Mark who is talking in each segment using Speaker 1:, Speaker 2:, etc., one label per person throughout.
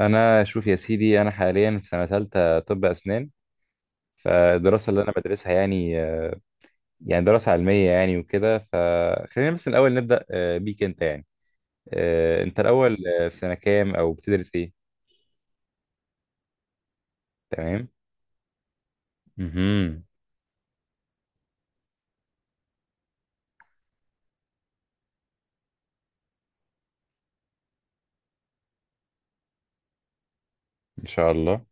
Speaker 1: انا، شوف يا سيدي، انا حاليا في سنه ثالثه طب اسنان. فالدراسه اللي انا بدرسها، يعني يعني دراسه علميه، يعني وكده. فخلينا بس الاول نبدا بيك انت، يعني انت الاول في سنه كام او بتدرس ايه؟ تمام. امم. ان شاء الله.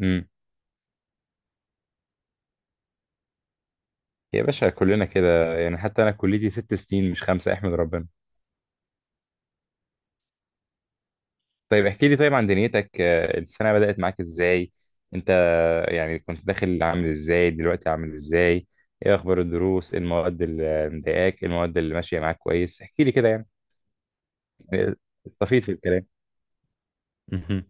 Speaker 1: امم. يا باشا، كلنا كده يعني، حتى انا كليتي 6 سنين مش خمسه، احمد ربنا. طيب احكي لي، طيب عن دنيتك السنة بدأت معاك ازاي انت؟ يعني كنت داخل عامل ازاي، دلوقتي عامل ازاي؟ ايه اخبار الدروس؟ إيه المواد اللي مضايقاك؟ إيه المواد اللي ماشية معاك كويس؟ احكي لي كده يعني، يعني استفيد في الكلام. مهم.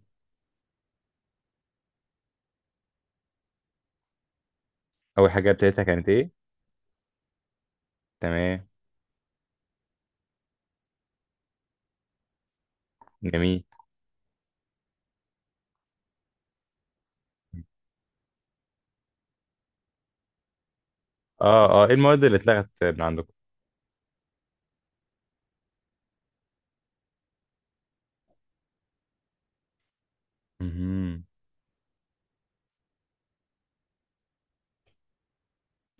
Speaker 1: اول حاجة ابتديتها كانت ايه؟ تمام. جميل. اه، اه، ايه المواد اللي اتلغت من عندكم؟ مهم.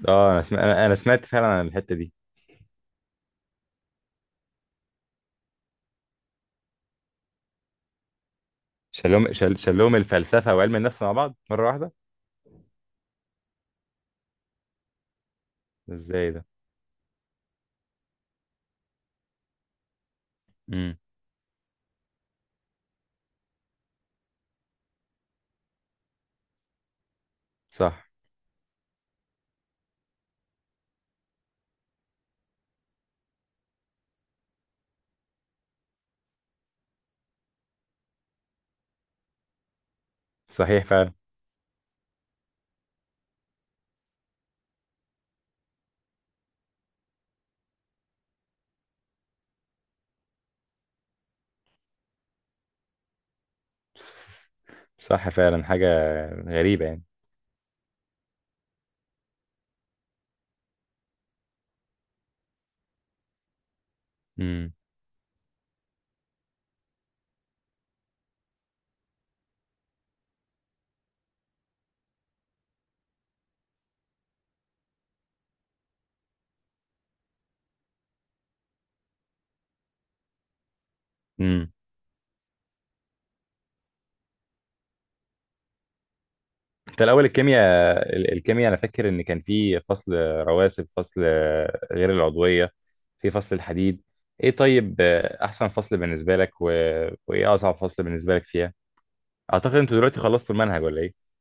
Speaker 1: اه انا سمعت، أنا سمعت فعلا عن الحتة دي. شالهم الفلسفة وعلم النفس مع بعض مرة واحدة؟ ازاي ده؟ امم. صح. صحيح فعلا. صح فعلا، حاجة غريبة يعني. امم. امم. انت الأول الكيمياء، الكيمياء أنا فاكر إن كان في فصل رواسب، فصل غير العضوية، في فصل الحديد. إيه طيب أحسن فصل بالنسبة لك و... وإيه أصعب فصل بالنسبة لك فيها؟ أعتقد أنتوا دلوقتي خلصتوا المنهج ولا إيه؟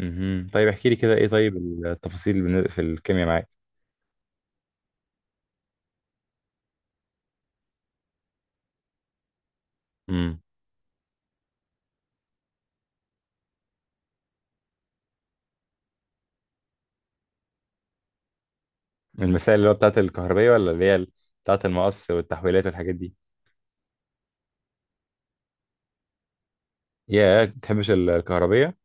Speaker 1: امم. طيب احكي لي كده، إيه طيب التفاصيل في الكيمياء معاك؟ امم. المسائل اللي هو بتاعت الكهربية ولا اللي هي بتاعت المقص والتحويلات والحاجات دي؟ يا ما بتحبش الكهربية؟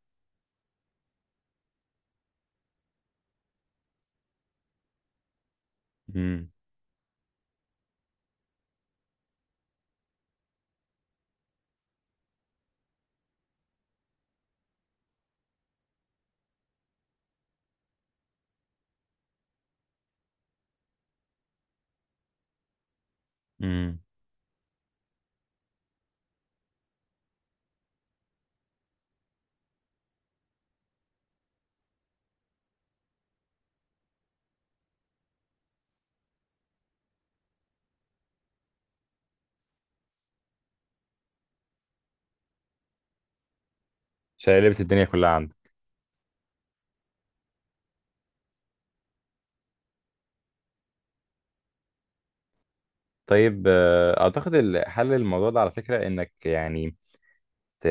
Speaker 1: امم. امم. شقلبت الدنيا كلها عندك. طيب اعتقد حل الموضوع ده على فكره، انك يعني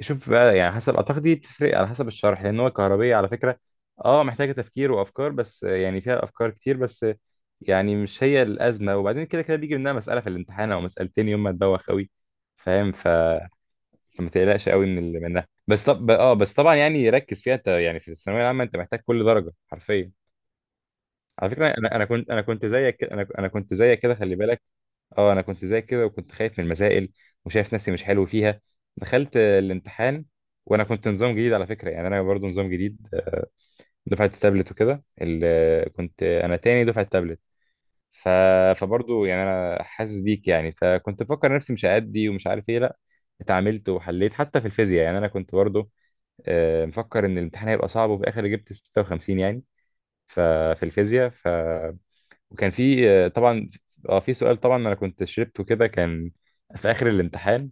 Speaker 1: شوف بقى، يعني حسب اعتقد دي بتفرق على حسب الشرح، لان هو الكهربيه على فكره اه محتاجه تفكير وافكار، بس يعني فيها افكار كتير، بس يعني مش هي الازمه. وبعدين كده كده بيجي منها مساله في الامتحان او مسالتين يوم ما تبوخ قوي، فاهم؟ فما تقلقش قوي من منها. بس طب اه، بس طبعا يعني ركز فيها انت، يعني في الثانويه العامه انت محتاج كل درجه حرفيا. على فكره انا كنت، انا كنت زيك انا كنت زيك كده، خلي بالك. اه انا كنت زيك كده وكنت خايف من المسائل وشايف نفسي مش حلو فيها. دخلت الامتحان، وانا كنت نظام جديد على فكره، يعني انا برضو نظام جديد، دفعه التابلت وكده، كنت انا تاني دفعه التابلت. ف... فبرضو يعني انا حاسس بيك، يعني فكنت بفكر نفسي مش هأدي ومش عارف ايه، لا اتعاملت وحليت. حتى في الفيزياء يعني انا كنت برضو مفكر ان الامتحان هيبقى صعب، وفي الاخر جبت 56 يعني. ففي الفيزياء وكان في طبعا اه في سؤال، طبعا انا كنت شربته كده. كان في اخر الامتحان،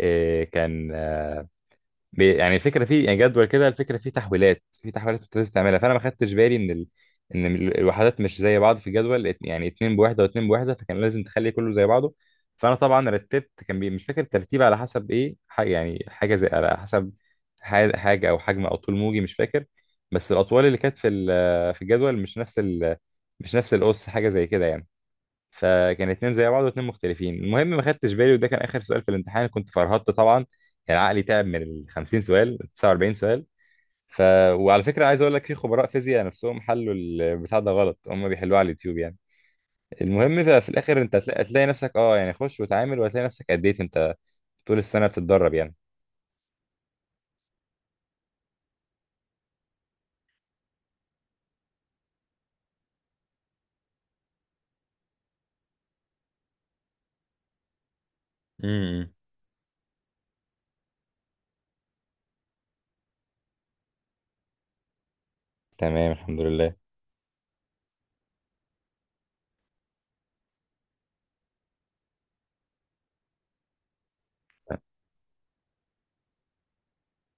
Speaker 1: كان يعني الفكره فيه، يعني جدول كده، الفكره فيه تحويلات في تحويلات كنت لازم تعملها. فانا ما خدتش بالي ان الوحدات مش زي بعض في الجدول، يعني اتنين بوحده واتنين بوحده، فكان لازم تخلي كله زي بعضه. فانا طبعا رتبت، كان مش فاكر الترتيب على حسب ايه، يعني حاجه زي على حسب حاجه او حجم او طول موجي، مش فاكر. بس الاطوال اللي كانت في الجدول مش نفس مش نفس القص، حاجه زي كده يعني. فكان اتنين زي بعض واتنين مختلفين. المهم ما خدتش بالي، وده كان اخر سؤال في الامتحان، كنت فرهطت طبعا، يعني عقلي تعب من ال 50 سؤال 49 سؤال. ف وعلى فكره عايز اقول لك في خبراء فيزياء نفسهم حلوا البتاع ده غلط، هم بيحلوه على اليوتيوب يعني. المهم ففي الاخر انت هتلاقي، هتلاقي نفسك اه، يعني خش وتعامل وهتلاقي نفسك أديت انت طول السنه بتتدرب يعني. امم. تمام، الحمد لله.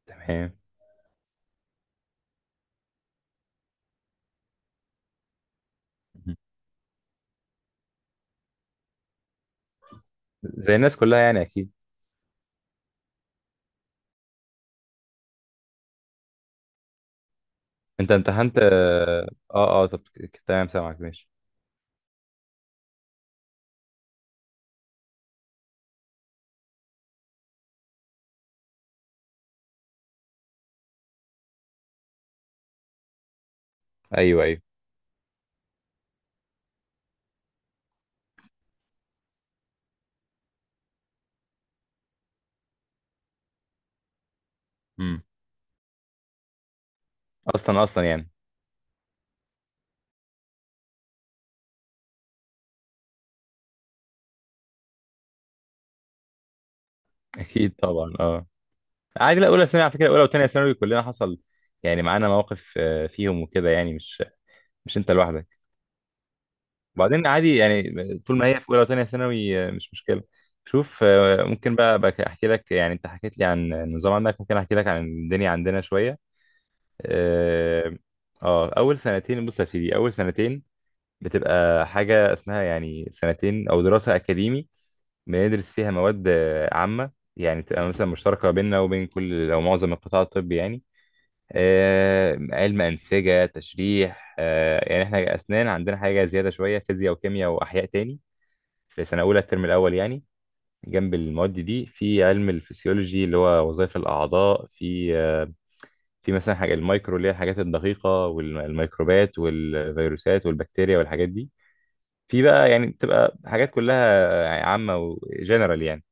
Speaker 1: تمام. زي الناس كلها يعني اكيد. انت امتحنت اه. اه، طب تمام، سامعك ماشي. ايوه ايوه. امم. اصلا اصلا يعني. اكيد طبعا، اه عادي. لا اولى ثانوي على فكره، اولى وثانيه ثانوي كلنا حصل، يعني معانا مواقف فيهم وكده، يعني مش انت لوحدك. وبعدين عادي يعني، طول ما هي في اولى وثانيه ثانوي مش مشكله. شوف ممكن بقى احكي لك، يعني انت حكيت لي عن النظام عندك، ممكن احكي لك عن الدنيا عندنا شويه. اه، اول سنتين. بص يا سيدي، اول سنتين بتبقى حاجه اسمها يعني سنتين او دراسه اكاديمي، بندرس فيها مواد عامة، يعني تبقى مثلا مشتركة بيننا وبين كل أو معظم القطاع الطبي، يعني علم أنسجة، تشريح، يعني إحنا أسنان عندنا حاجة زيادة شوية، فيزياء وكيمياء وأحياء تاني، في سنة أولى الترم الأول يعني. جنب المواد دي في علم الفسيولوجي اللي هو وظائف الأعضاء، في في مثلا حاجة المايكرو اللي هي الحاجات الدقيقة والميكروبات والفيروسات والبكتيريا والحاجات دي. في بقى يعني بتبقى حاجات كلها عامة وجنرال يعني.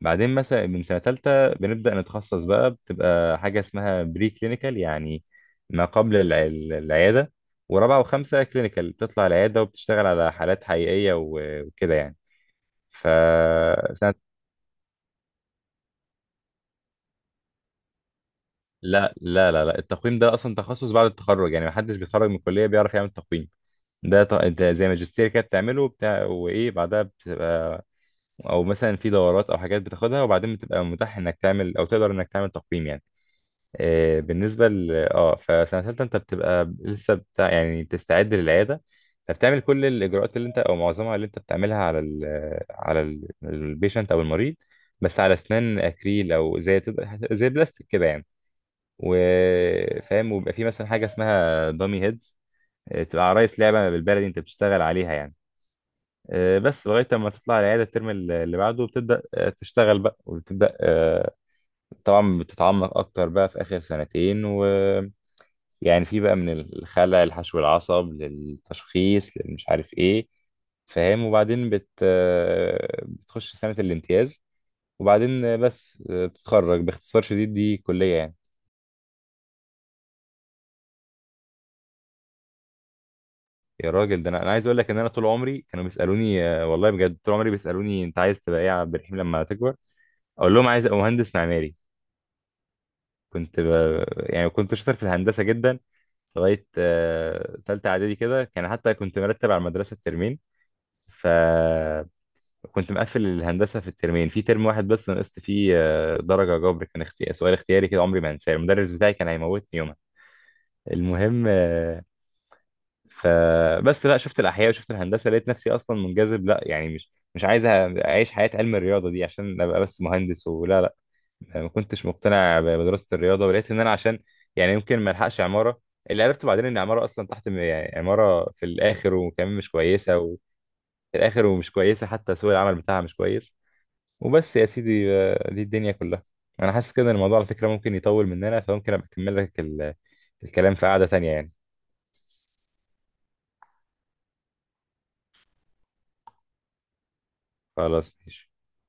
Speaker 1: بعدين مثلا من سنة تالتة بنبدأ نتخصص بقى، بتبقى حاجة اسمها بري كلينيكال، يعني ما قبل العيادة. ورابعة وخمسة كلينيكال بتطلع العيادة وبتشتغل على حالات حقيقية وكده يعني. ف سنة لا لا لا لا، التقويم ده أصلا تخصص بعد التخرج، يعني محدش بيتخرج من الكلية بيعرف يعمل تقويم. ده زي ماجستير كده بتعمله بتاع، وإيه بعدها بتبقى، أو مثلا في دورات أو حاجات بتاخدها، وبعدين بتبقى متاح إنك تعمل أو تقدر إنك تعمل تقويم يعني. بالنسبة ل اه، فسنة تالتة انت بتبقى لسه بتاع يعني بتستعد للعيادة. فبتعمل كل الإجراءات اللي انت أو معظمها اللي انت بتعملها على البيشنت أو المريض، بس على أسنان أكريل، أو زي تبقى زي بلاستيك كده يعني. وفاهم، وبيبقى في مثلا حاجة اسمها دامي هيدز، تبقى عرايس لعبة بالبلدي انت بتشتغل عليها يعني. بس لغاية لما تطلع العيادة الترم اللي بعده بتبدأ تشتغل بقى، وبتبدأ طبعا بتتعمق أكتر بقى في آخر سنتين، و يعني في بقى من الخلع لحشو العصب للتشخيص مش عارف ايه. فاهم؟ وبعدين بت آه، بتخش سنة الامتياز، وبعدين بس بتتخرج. باختصار شديد دي كلية يعني. يا راجل، ده انا، عايز اقول لك ان انا طول عمري كانوا بيسالوني، والله بجد طول عمري بيسالوني انت عايز تبقى ايه يا عبد الرحيم لما تكبر. اقول لهم عايز ابقى مهندس معماري. كنت ب... يعني كنت شاطر في الهندسة جدا لغاية تالتة اعدادي كده، كان حتى كنت مرتب على المدرسة الترمين. ف كنت مقفل الهندسه في الترمين، في ترم واحد بس نقصت فيه درجه جبر، كان سؤال اختياري كده عمري ما انساه، المدرس بتاعي كان هيموتني يومها. المهم فبس، لا شفت الاحياء وشفت الهندسه لقيت نفسي اصلا منجذب، لا يعني مش عايز اعيش حياه علم الرياضه دي عشان ابقى بس مهندس ولا لا. ما كنتش مقتنع بدراسه الرياضه، ولقيت ان انا عشان يعني يمكن ما الحقش عماره. اللي عرفته بعدين ان عماره اصلا تحت يعني عماره في الاخر، وكمان مش كويسه، وفي الاخر ومش كويسه، حتى سوق العمل بتاعها مش كويس. وبس يا سيدي، دي الدنيا كلها. انا حاسس كده ان الموضوع على فكرة ممكن يطول مننا، فممكن ابقى اكمل لك الكلام في قعدة تانية يعني. خلاص ماشي.